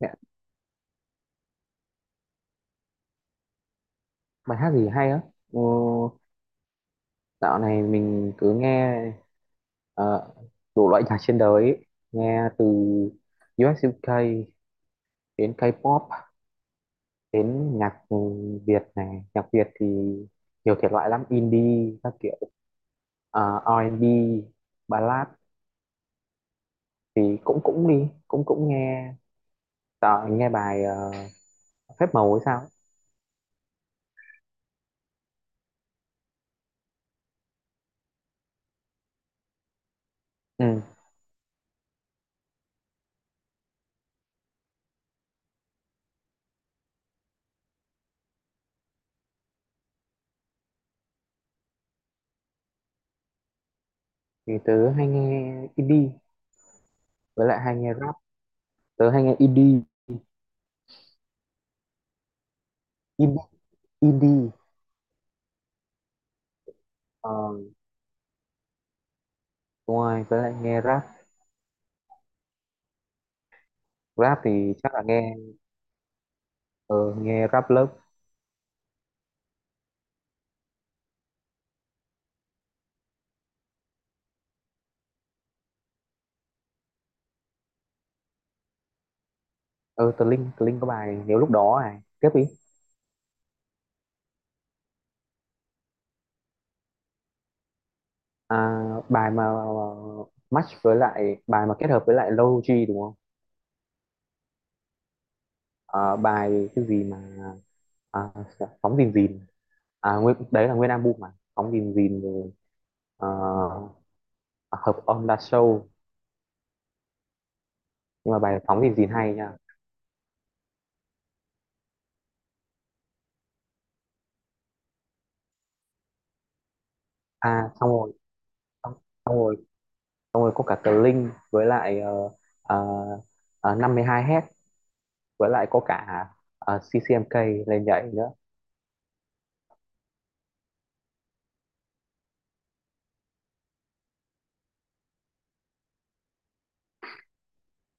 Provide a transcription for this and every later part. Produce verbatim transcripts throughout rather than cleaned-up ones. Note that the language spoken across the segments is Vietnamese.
Dạ, bài hát gì hay á? Ừ, dạo này mình cứ nghe ờ, đủ loại nhạc trên đời ấy. Nghe từ u ét u kê đến K-pop đến nhạc ừ, Việt này. Nhạc Việt thì nhiều thể loại lắm, indie các kiểu, ờ, a và bi, ballad thì cũng cũng đi, cũng cũng nghe. Tớ nghe bài ờ, Phép Màu hay sao ấy. Ừ, thì tớ hay nghe indie với lại hay nghe rap. Tớ hay nghe indie, indie, indie. ờ, Đúng rồi, với lại nghe rap. Rap thì chắc là nghe ờ, nghe rap lớp. ờ Tờ Linh, tờ Linh có bài Nếu Lúc Đó, này tiếp đi. à, Bài mà match, với lại bài mà kết hợp với lại Low G đúng không? À, bài cái gì mà, à, Phóng Dìn Dìn. À, nguyên, đấy là nguyên album mà Phóng Dìn Dìn rồi. ờ, à, Hợp On The Show, nhưng mà bài Phóng Dìn Dìn hay nha. À xong rồi, xong, xong rồi xong rồi có cả tờ Linh với lại uh, uh, năm mươi hai hết, với lại có cả ờ, xê xê em ca lên nhảy nữa.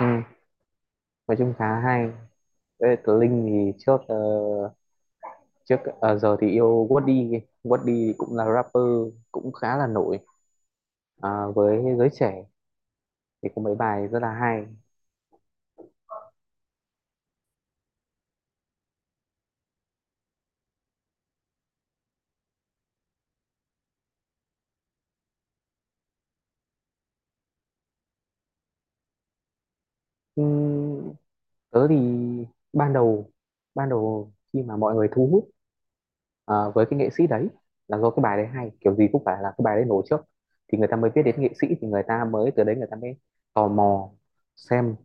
Ừ, nói chung khá hay. Với lại tớ Linh thì trước, ờ, trước ờ, giờ thì yêu. Woody, Woody cũng là rapper, cũng khá là nổi ờ, với giới trẻ, thì có mấy bài rất là hay. Ừ, tớ thì ban đầu ban đầu khi mà mọi người thu hút ờ, với cái nghệ sĩ đấy, là do cái bài đấy hay, kiểu gì cũng phải là cái bài đấy nổi trước thì người ta mới biết đến nghệ sĩ, thì người ta mới, từ đấy người ta mới tò mò xem,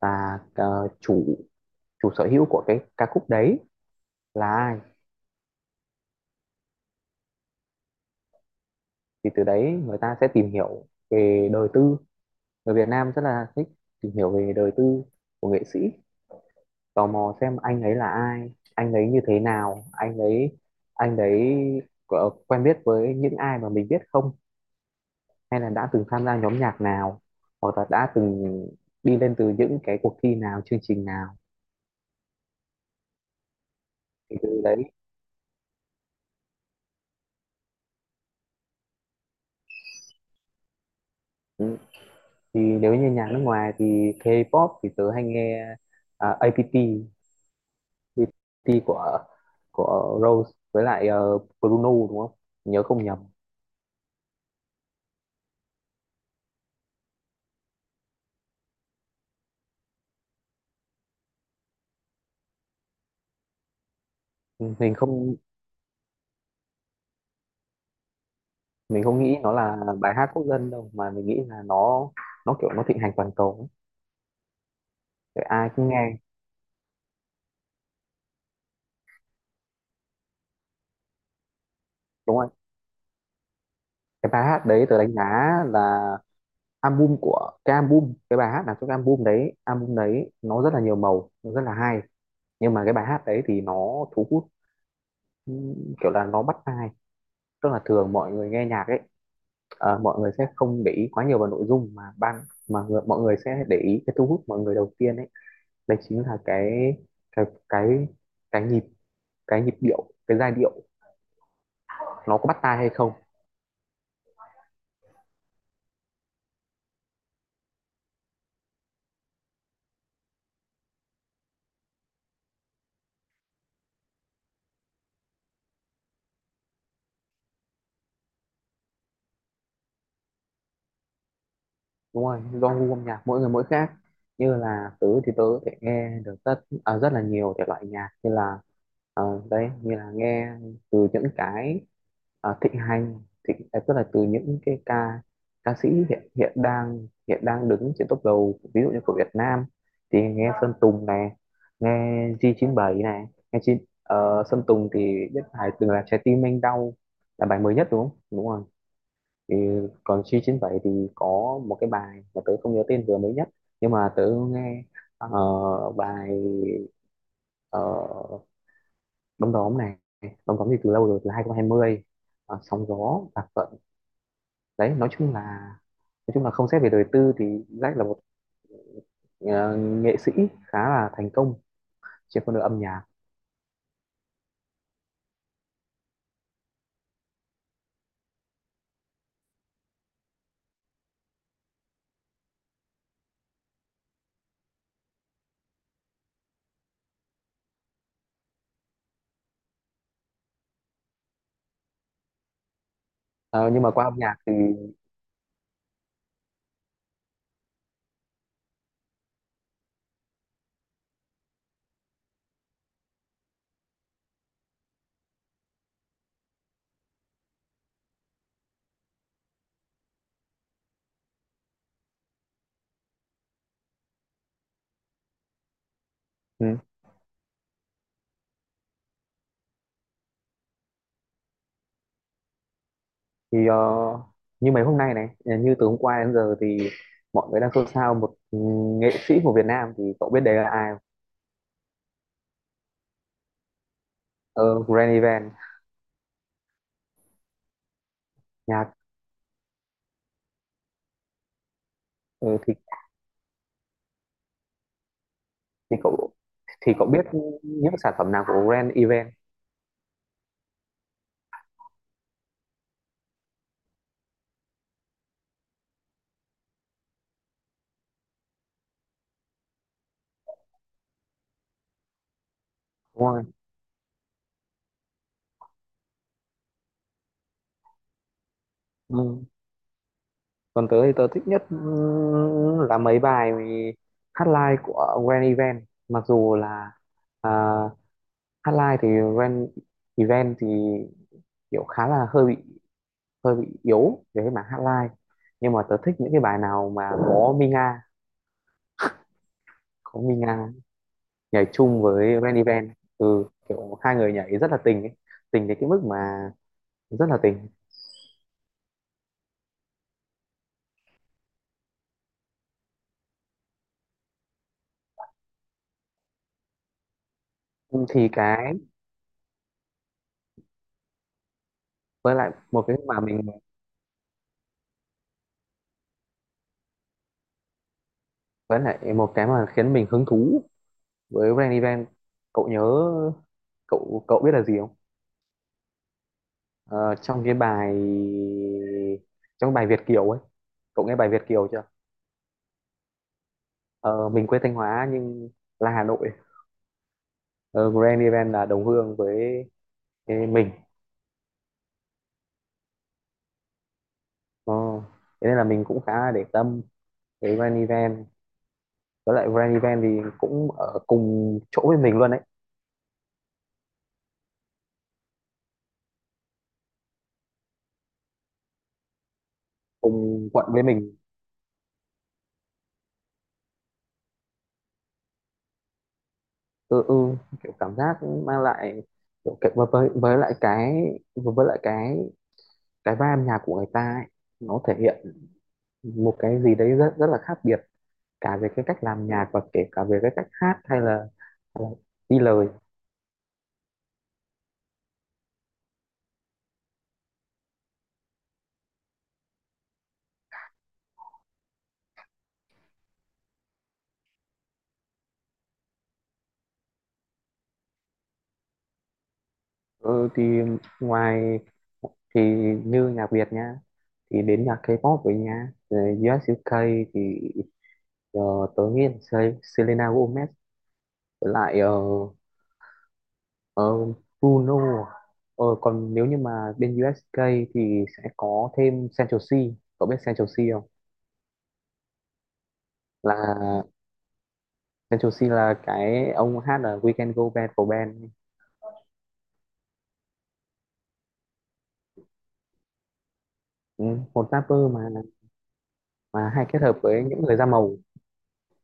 và ờ, chủ, chủ sở hữu của cái ca khúc đấy là ai, thì từ đấy người ta sẽ tìm hiểu về đời tư. Người Việt Nam rất là thích tìm hiểu về đời tư của nghệ sĩ, tò mò xem anh ấy là ai, anh ấy như thế nào, anh ấy anh ấy có quen biết với những ai mà mình biết không, hay là đã từng tham gia nhóm nhạc nào, hoặc là đã từng đi lên từ những cái cuộc thi nào, chương trình nào, thì từ đấy. Ừ, thì nếu như nhạc nước ngoài thì K-pop thì tớ hay nghe, à, a pê tê. a pê tê của của Rose với lại ờ, Bruno đúng không, nhớ không nhầm. Mình không mình không nghĩ nó là bài hát quốc dân đâu, mà mình nghĩ là nó nó kiểu nó thịnh hành toàn cầu ấy. Để ai cũng nghe đúng không. Cái bài hát đấy tớ đánh giá là album, của cái album, cái bài hát là cái album đấy, album đấy nó rất là nhiều màu, nó rất là hay, nhưng mà cái bài hát đấy thì nó thu hút. Ừ, kiểu là nó bắt tai, tức là thường mọi người nghe nhạc ấy, ờ, mọi người sẽ không để ý quá nhiều vào nội dung, mà ban, mà người, mọi người sẽ để ý cái thu hút mọi người đầu tiên ấy, đấy chính là cái cái cái cái nhịp, cái nhịp điệu, cái giai điệu, nó có bắt tai hay không. Đúng rồi, do gu âm nhạc mỗi người mỗi khác. Như là tớ thì tớ có thể nghe được rất, à, rất là nhiều thể loại nhạc, như là ờ, đấy, như là nghe từ những cái ờ, thịnh hành, thịnh, à, tức là từ những cái ca, ca sĩ hiện, hiện đang hiện đang đứng trên top đầu, ví dụ như của Việt Nam thì nghe Sơn Tùng này, nghe giê chín bảy này, nghe chi, ờ, Sơn Tùng thì biết bài từng là Trái Tim Anh Đau là bài mới nhất đúng không, đúng rồi. Thì còn giê chín bảy thì có một cái bài mà tớ không nhớ tên vừa mới nhất, nhưng mà tớ nghe ờ, bài uh, Đom Đóm này. Đom Đóm thì từ lâu rồi, từ hai nghìn không trăm hai mươi. Uh, sóng Gió, Bạc Phận, đấy. Nói chung là, nói chung là không xét về đời tư thì Jack là một ờ, nghệ sĩ khá là thành công trên con đường âm nhạc. Ờ, nhưng mà qua âm nhạc thì. Ừ, thì ờ, như mấy hôm nay này, như từ hôm qua đến giờ thì mọi người đang xôn xao một, ừ, nghệ sĩ của Việt Nam thì cậu biết đấy là ai. Ờ, Grand Event nhạc. Ừ, thì thì cậu thì cậu biết những sản phẩm nào của Grand Event đúng không? Ừ. Còn tớ thì tớ thích nhất, ừ, là mấy bài hát live của Grand Event, mặc dù là, à, hát live thì Grand Event thì kiểu khá là hơi bị hơi bị yếu về cái mảng hát live, nhưng mà tớ thích những cái bài nào mà có Minga, có Minga nhảy chung với Grand Event. Ừ, kiểu hai người nhảy rất là tình ấy. Tình đến cái mức mà rất là tình. Thì cái, với lại một cái mà mình, với lại một cái mà khiến mình hứng thú với Rain Event, cậu nhớ, cậu cậu biết là gì không. Ờ, trong cái bài, trong bài Việt Kiều ấy, cậu nghe bài Việt Kiều chưa. Ờ, mình quê Thanh Hóa nhưng là Hà Nội. Ờ, Grand Event là đồng hương với, với mình. Ờ, thế nên là mình cũng khá là để tâm với Grand Event, với lại Grand Event thì cũng ở cùng chỗ với mình luôn đấy, cùng quận với mình. Ừ, ừ, kiểu cảm giác mang lại, kiểu cái, với với với lại cái với với lại cái cái vai âm nhạc của người ta ấy, nó thể hiện một cái gì đấy rất rất là khác biệt, cả về cái cách làm nhạc, và kể cả về cái cách hát, hay là, hay là đi lời. Ừ, thì ngoài thì như nhạc Việt nha, thì đến nhạc K-pop với nha, rồi u ét u kê thì uh, tớ nghĩ là Sel- Selena Gomez, với lại ờ, Ờ, Bruno. Ờ, còn nếu như mà bên u ét ca thì sẽ có thêm Central C. Cậu biết Central C không? Là, Central C là cái ông hát là We Can Go Bad của band. Ừ, một rapper mà mà hay kết hợp với những người da màu,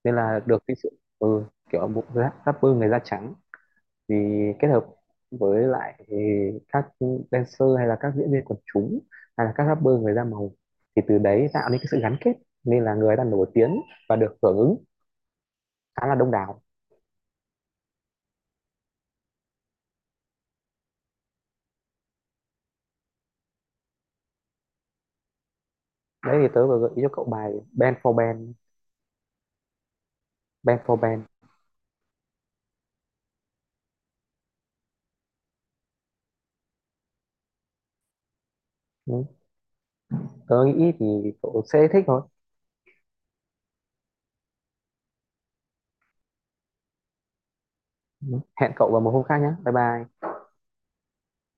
nên là được cái sự, ừ, kiểu một rap- rapper người da trắng thì kết hợp với lại, ừ, các dancer, hay là các diễn viên quần chúng, hay là các rapper người da màu, thì từ đấy tạo nên cái sự gắn kết, nên là người ta nổi tiếng và được hưởng ứng khá là đông đảo. Đấy, thì tớ vừa gợi ý cho cậu bài Band for Band. Band for Band Ừ, tớ nghĩ thì cậu sẽ thích thôi. Ừ, hẹn cậu vào một hôm khác nhé, bye bye.